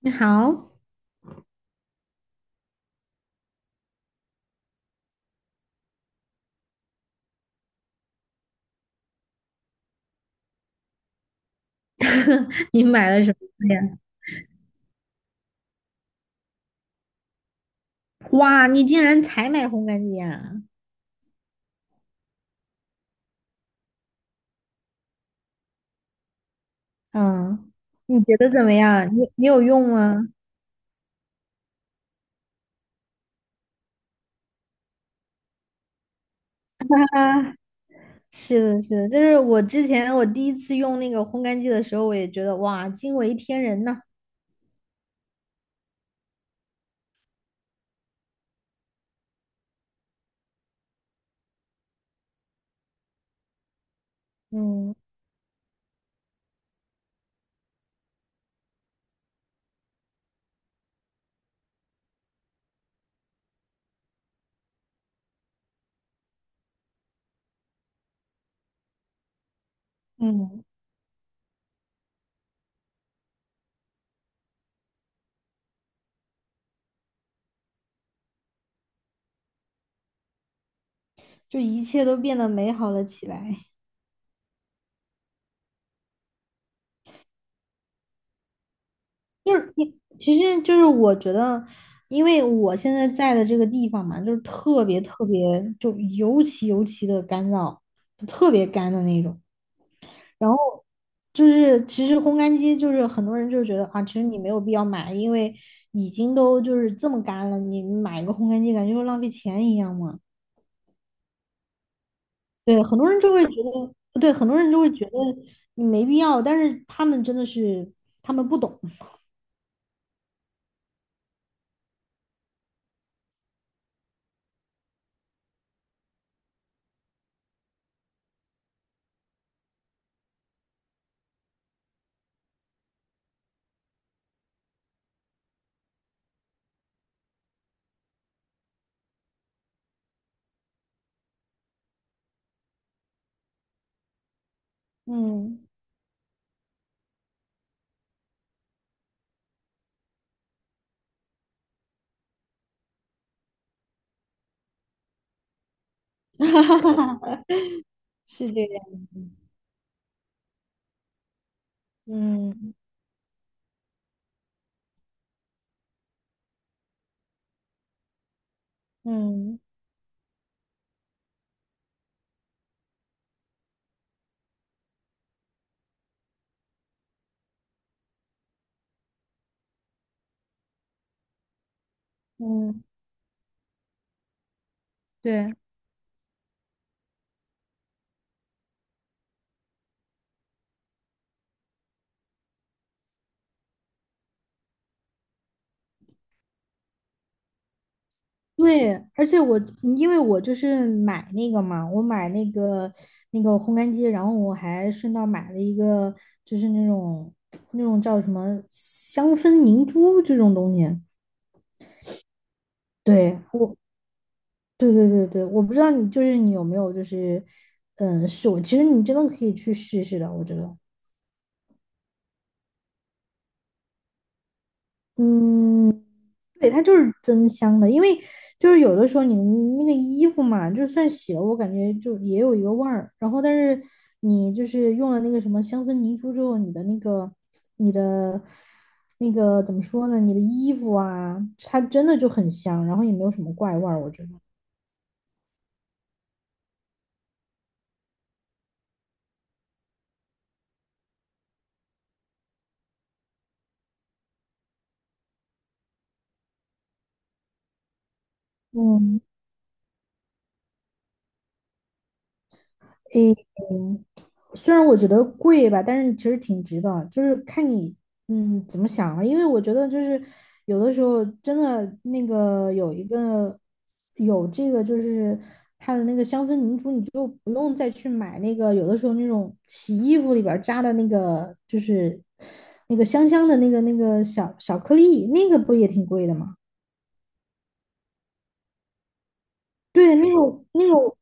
你好，你买了什么呀？哇，你竟然才买烘干机啊！嗯，你觉得怎么样？你有用吗？啊，是的，是的，就是我之前我第一次用那个烘干机的时候，我也觉得哇，惊为天人呐。嗯嗯，就一切都变得美好了起来。就是你，其实就是我觉得，因为我现在在的这个地方嘛，就是特别特别，就尤其的干燥，就特别干的那种。然后就是其实烘干机就是很多人就觉得啊，其实你没有必要买，因为已经都就是这么干了，你买一个烘干机感觉就浪费钱一样嘛。对，很多人就会觉得，对，很多人就会觉得你没必要，但是他们真的是他们不懂，嗯，是这个样子，嗯嗯嗯，对。对，而且我嗯因为我就是买那个嘛，我买那个那个烘干机，然后我还顺道买了一个，就是那种那种叫什么香氛凝珠这种东西。对，我，对对对对，我不知道你就是你有没有就是，嗯，试过，其实你真的可以去试试的，我觉得。嗯，对，它就是增香的，因为就是有的时候你那个衣服嘛，就算洗了，我感觉就也有一个味儿。然后，但是你就是用了那个什么香氛凝珠之后，你的那个那个怎么说呢？你的衣服啊，它真的就很香，然后也没有什么怪味儿，我觉得。嗯嗯，虽然我觉得贵吧，但是其实挺值的，就是看你嗯怎么想了。因为我觉得就是有的时候真的那个有一个有这个就是它的那个香氛凝珠，你就不用再去买那个有的时候那种洗衣服里边儿加的那个就是那个香香的那个那个小小颗粒，那个不也挺贵的吗？对，那种那种。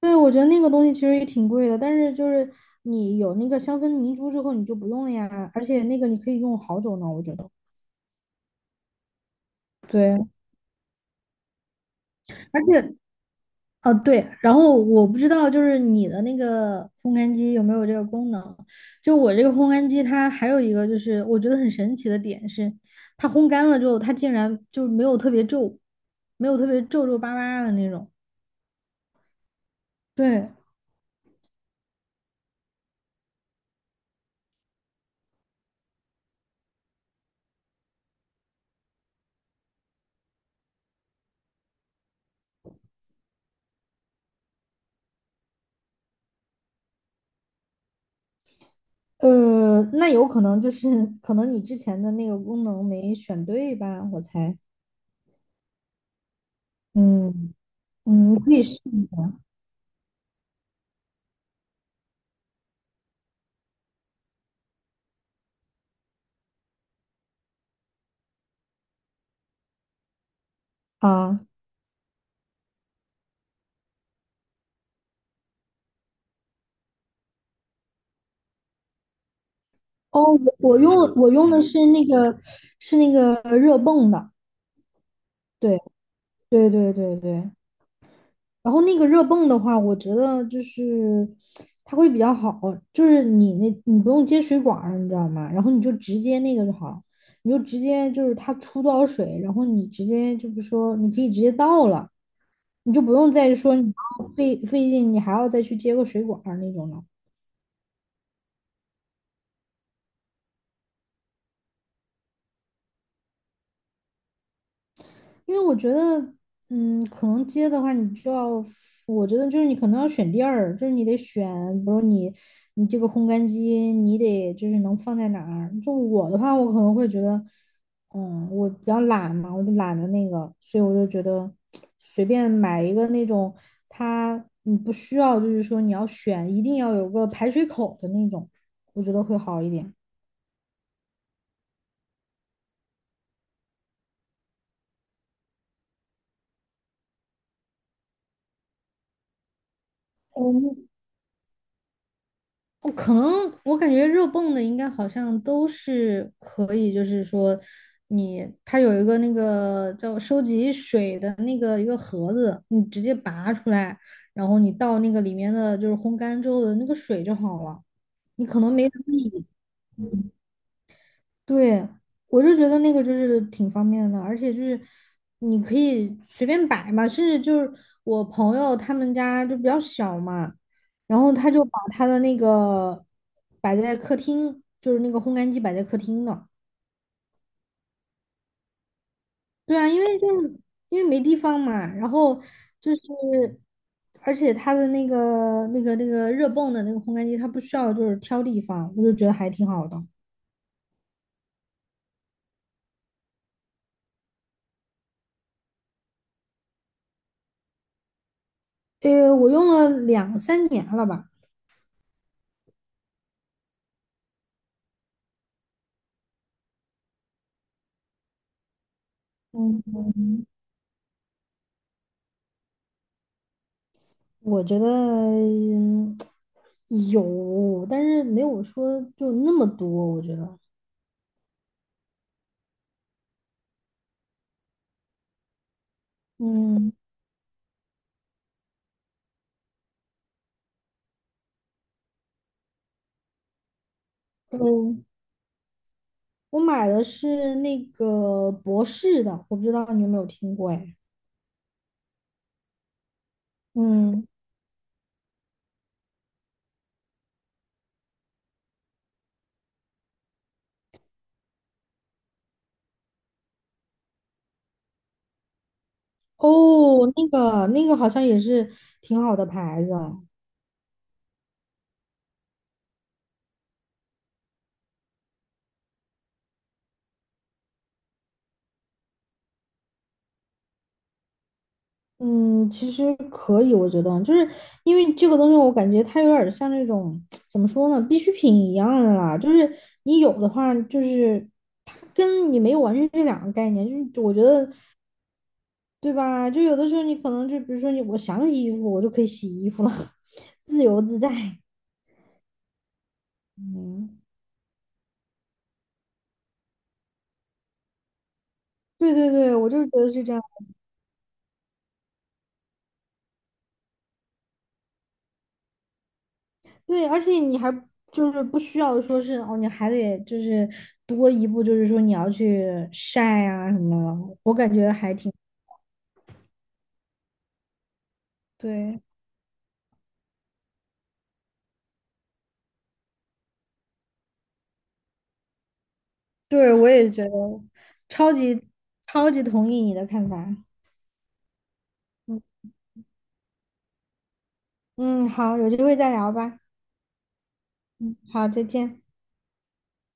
对，我觉得那个东西其实也挺贵的，但是就是你有那个香氛凝珠之后，你就不用了呀。而且那个你可以用好久呢，我觉得。对，而且对，然后我不知道就是你的那个烘干机有没有这个功能。就我这个烘干机，它还有一个就是我觉得很神奇的点是，它烘干了之后，它竟然就没有特别皱，没有特别皱皱巴巴的那种。对，那有可能就是可能你之前的那个功能没选对吧，我猜。嗯嗯，你可以试一下啊。哦，我用我用的是那个是那个热泵的，对对对对对。然后那个热泵的话，我觉得就是它会比较好，就是你那你不用接水管儿你知道吗？然后你就直接那个就好了，你就直接就是它出多少水，然后你直接就是说你可以直接倒了，你就不用再说你要费劲，你还要再去接个水管儿那种了。因为我觉得，嗯，可能接的话，你就要，我觉得就是你可能要选地儿，就是你得选，比如你你这个烘干机，你得就是能放在哪儿。就我的话，我可能会觉得，嗯，我比较懒嘛，我就懒得那个，所以我就觉得随便买一个那种，它你不需要，就是说你要选，一定要有个排水口的那种，我觉得会好一点。哦我可能我感觉热泵的应该好像都是可以，就是说你它有一个那个叫收集水的那个一个盒子，你直接拔出来，然后你倒那个里面的就是烘干之后的那个水就好了。你可能没注意，嗯对，我就觉得那个就是挺方便的，而且就是你可以随便摆嘛，甚至就是我朋友他们家就比较小嘛，然后他就把他的那个摆在客厅，就是那个烘干机摆在客厅的。对啊，因为就是因为没地方嘛，然后就是，而且它的那个那个那个热泵的那个烘干机，它不需要就是挑地方，我就觉得还挺好的。我用了2~3年了吧。嗯。我觉得嗯有，但是没有说就那么多。我觉得，嗯嗯，我买的是那个博士的，我不知道你有没有听过哎。嗯，哦，那个那个好像也是挺好的牌子。嗯，其实可以，我觉得，就是因为这个东西，我感觉它有点像那种怎么说呢，必需品一样的啦。就是你有的话，就是它跟你没有完全是两个概念。就是我觉得，对吧？就有的时候你可能就比如说你，我想洗衣服，我就可以洗衣服了，自由自在。嗯，对对对，我就是觉得是这样。对，而且你还就是不需要说是哦，你还得就是多一步，就是说你要去晒啊什么的，我感觉还挺。对，对，我也觉得超级超级同意你的看法。嗯嗯，好，有机会再聊吧。嗯，好，再见。